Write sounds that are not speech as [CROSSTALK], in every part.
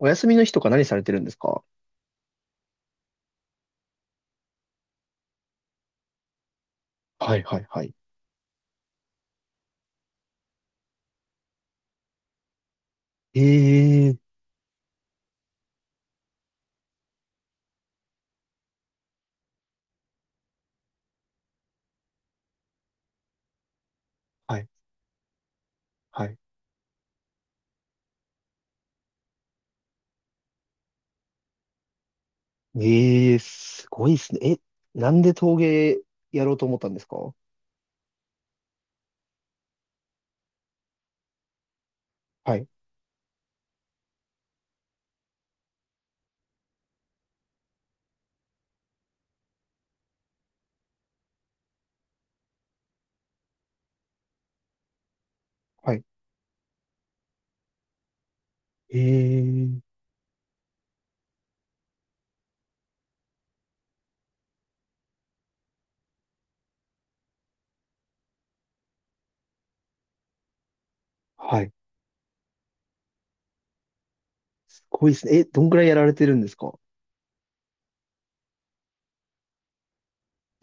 お休みの日とか何されてるんですか？はいはいはい。ええ、はいはい。ええ、すごいですね。え、なんで陶芸やろうと思ったんですか？はいはい。ええ、はい。すごいですね。え、どんくらいやられてるんですか？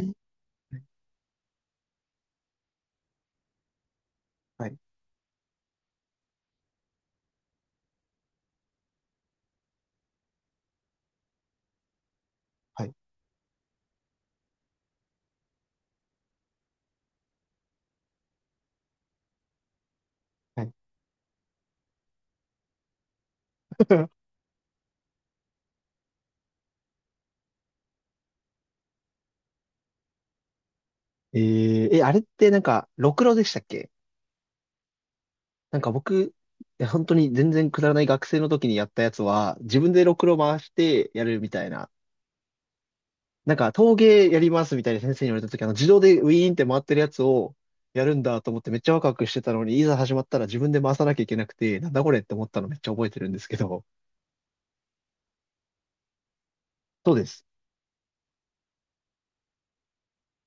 え、はいはいはい。[LAUGHS] え、ええ、あれってなんか、ろくろでしたっけ？なんか僕、いや本当に全然くだらない学生の時にやったやつは、自分でろくろ回してやるみたいな。なんか陶芸やりますみたいな先生に言われた時、自動でウィーンって回ってるやつをやるんだと思ってめっちゃワクワクしてたのに、いざ始まったら自分で回さなきゃいけなくて、なんだこれって思ったのめっちゃ覚えてるんですけど。そうです。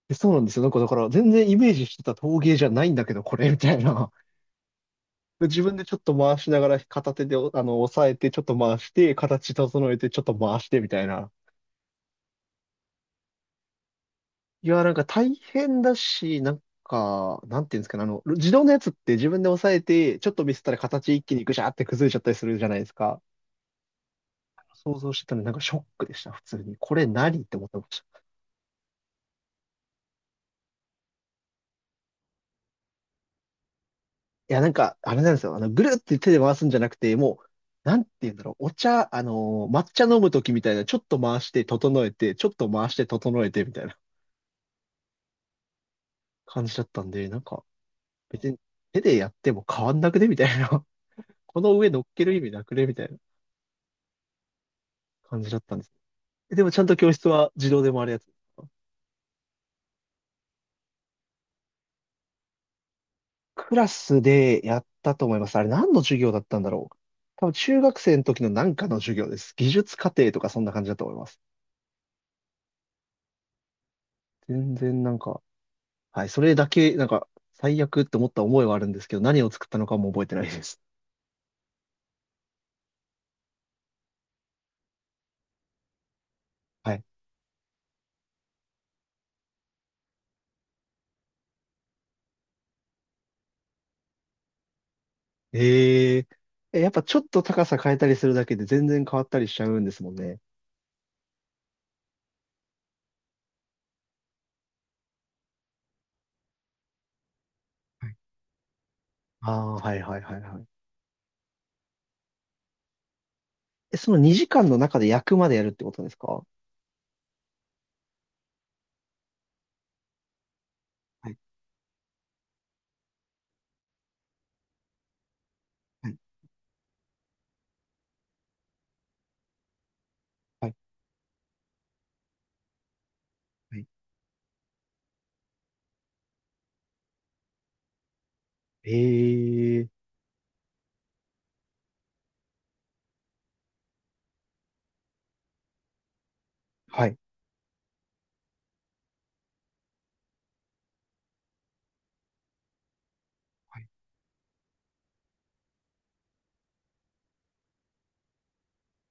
でそうなんですよ。なんかだから全然イメージしてた陶芸じゃないんだけど、これみたいな。[LAUGHS] で自分でちょっと回しながら片手で押さえて、ちょっと回して、形整えて、ちょっと回してみたいな。いや、なんか大変だし、なんか、なんていうんですかね、あの、自動のやつって自分で押さえて、ちょっとミスったら形一気にグシャーって崩れちゃったりするじゃないですか。想像してたのになんかショックでした、普通に。これ何って思ってました。いや、なんか、あれなんですよ。あの、ぐるって手で回すんじゃなくて、もう、なんていうんだろう、お茶、抹茶飲むときみたいな、ちょっと回して整えて、ちょっと回して整えてみたいな感じだったんで、なんか、別に手でやっても変わんなくねみたいな。[LAUGHS] この上乗っける意味なくねみたいな感じだったんです。えでもちゃんと教室は自動で回るやつですか？クラスでやったと思います。あれ何の授業だったんだろう。多分中学生の時のなんかの授業です。技術課程とかそんな感じだと思います。全然なんか、はい、それだけ、なんか、最悪って思った思いはあるんですけど、何を作ったのかも覚えてないです。はい。えー、えやっぱちょっと高さ変えたりするだけで全然変わったりしちゃうんですもんね。はい。ああ、はいはいはいはい。え、その2時間の中で役までやるってことですか？はいはいはい。はい。ええー。はい。はい。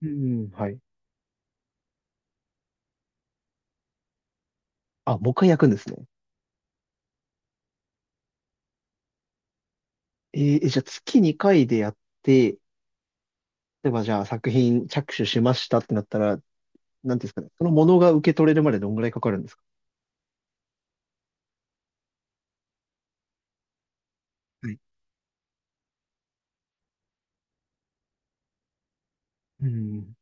うん、はい。あ、もう一回焼くんですね。えー、えじゃあ月2回でやって、例えばじゃあ作品着手しましたってなったら、なんていうんですかね、そのものが受け取れるまでどんぐらいかかるんですか？はい。うん。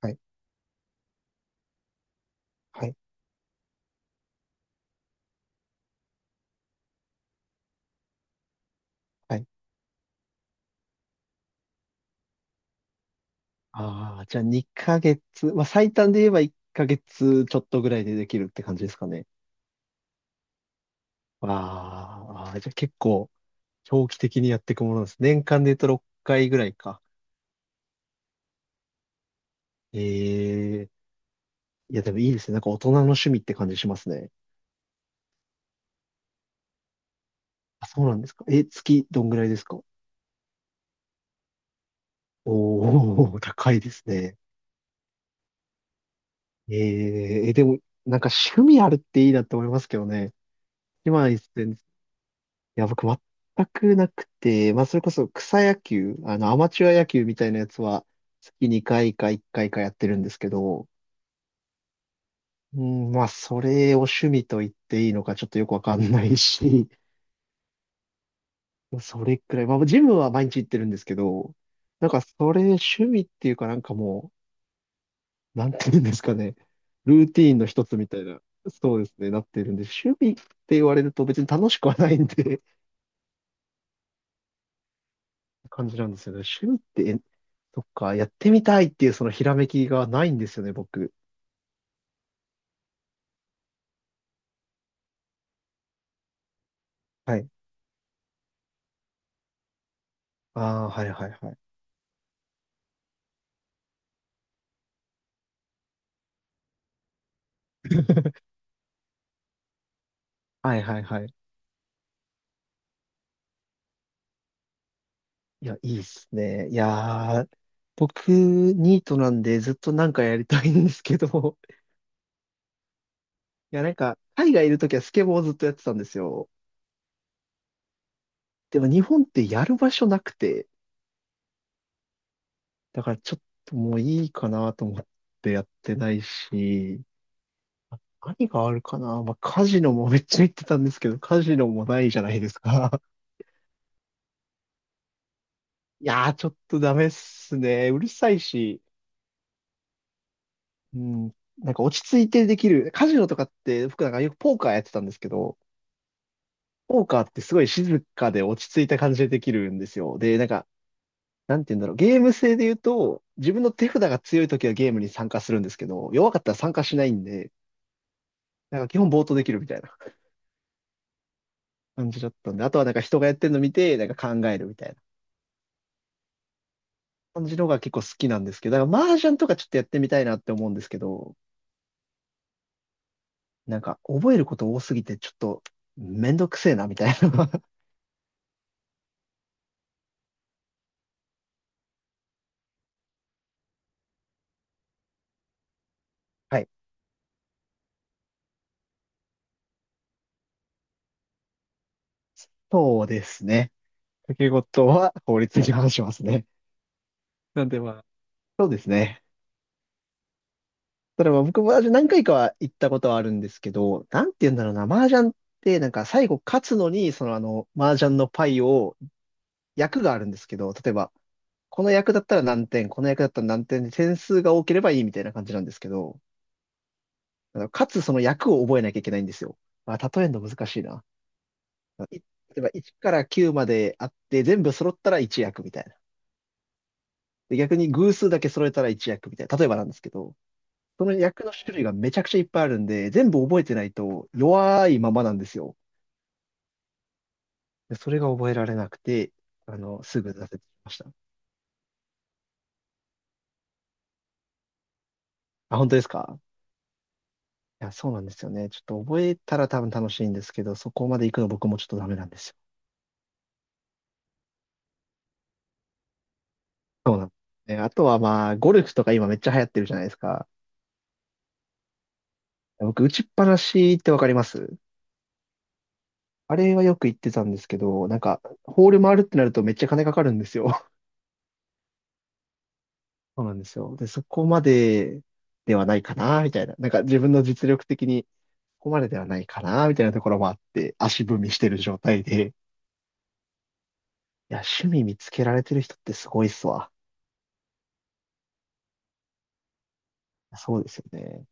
はい。はい。はい。ああ、じゃあ2ヶ月、まあ最短で言えば1ヶ月ちょっとぐらいでできるって感じですかね。わあ、じゃあ結構長期的にやっていくものです。年間で言うと6回ぐらいか。ええ、いやでもいいですね。なんか大人の趣味って感じしますね。あ、そうなんですか。え、月どんぐらいですか？ [LAUGHS] おー、高いですね。えー、え、でも、なんか趣味あるっていいなって思いますけどね。今言ってんです、いや、僕全くなくて、まあ、それこそ草野球、あの、アマチュア野球みたいなやつは、月2回か1回かいかやってるんですけど、うん、まあ、それを趣味と言っていいのかちょっとよくわかんないし、[LAUGHS] それくらい、まあ、ジムは毎日行ってるんですけど、なんかそれ趣味っていうかなんかもう、なんていうんですかね、ルーティーンの一つみたいな、そうですね、なってるんで、趣味って言われると別に楽しくはないんで、感じなんですよね。趣味って、えそっか、やってみたいっていうそのひらめきがないんですよね、僕。はい。ああ、はいはいはい。[LAUGHS] はいはいはい。いや、いいっすね。いやー、僕、ニートなんでずっとなんかやりたいんですけど、いや、なんか、海外いるときはスケボーをずっとやってたんですよ。でも日本ってやる場所なくて、だからちょっともういいかなと思ってやってないし、何があるかな。まあ、カジノもめっちゃ言ってたんですけど、カジノもないじゃないですか。[LAUGHS] いやー、ちょっとダメっすね。うるさいし、うん、なんか落ち着いてできる。カジノとかって、僕なんかよくポーカーやってたんですけど、ポーカーってすごい静かで落ち着いた感じでできるんですよ。で、なんか、なんて言うんだろう。ゲーム性で言うと、自分の手札が強い時はゲームに参加するんですけど、弱かったら参加しないんで、なんか基本暴投できるみたいな。感じだったんで、あとはなんか人がやってるの見て、なんか考えるみたいな感じのが結構好きなんですけど、だから麻雀とかちょっとやってみたいなって思うんですけど、なんか覚えること多すぎてちょっとめんどくせえなみたいな。[LAUGHS] はい。そうですね。掛け事は法律に反しますね。なんでまあ、そうですね。ただまあ僕も麻雀何回かは行ったことはあるんですけど、なんて言うんだろうな、麻雀ってなんか最後勝つのに、そのあの、麻雀のパイを役があるんですけど、例えば、この役だったら何点、この役だったら何点で点数が多ければいいみたいな感じなんですけど、あのかつその役を覚えなきゃいけないんですよ。あ、例えるの難しいな。い例えば1から9まであって、全部揃ったら1役みたいな。で、逆に偶数だけ揃えたら1役みたいな。例えばなんですけど、その役の種類がめちゃくちゃいっぱいあるんで、全部覚えてないと弱いままなんですよ。でそれが覚えられなくて、あの、すぐ挫折しました。あ、本当ですか？いや、そうなんですよね。ちょっと覚えたら多分楽しいんですけど、そこまで行くの僕もちょっとダメなんですよ。そうなんですね。あとはまあ、ゴルフとか今めっちゃ流行ってるじゃないですか。僕、打ちっぱなしってわかります？あれはよく行ってたんですけど、なんか、ホール回るってなるとめっちゃ金かかるんですよ。[LAUGHS] そうなんですよ。で、そこまでではないかな、みたいな。なんか自分の実力的にここまでではないかな、みたいなところもあって、足踏みしてる状態で。いや、趣味見つけられてる人ってすごいっすわ。そうですよね。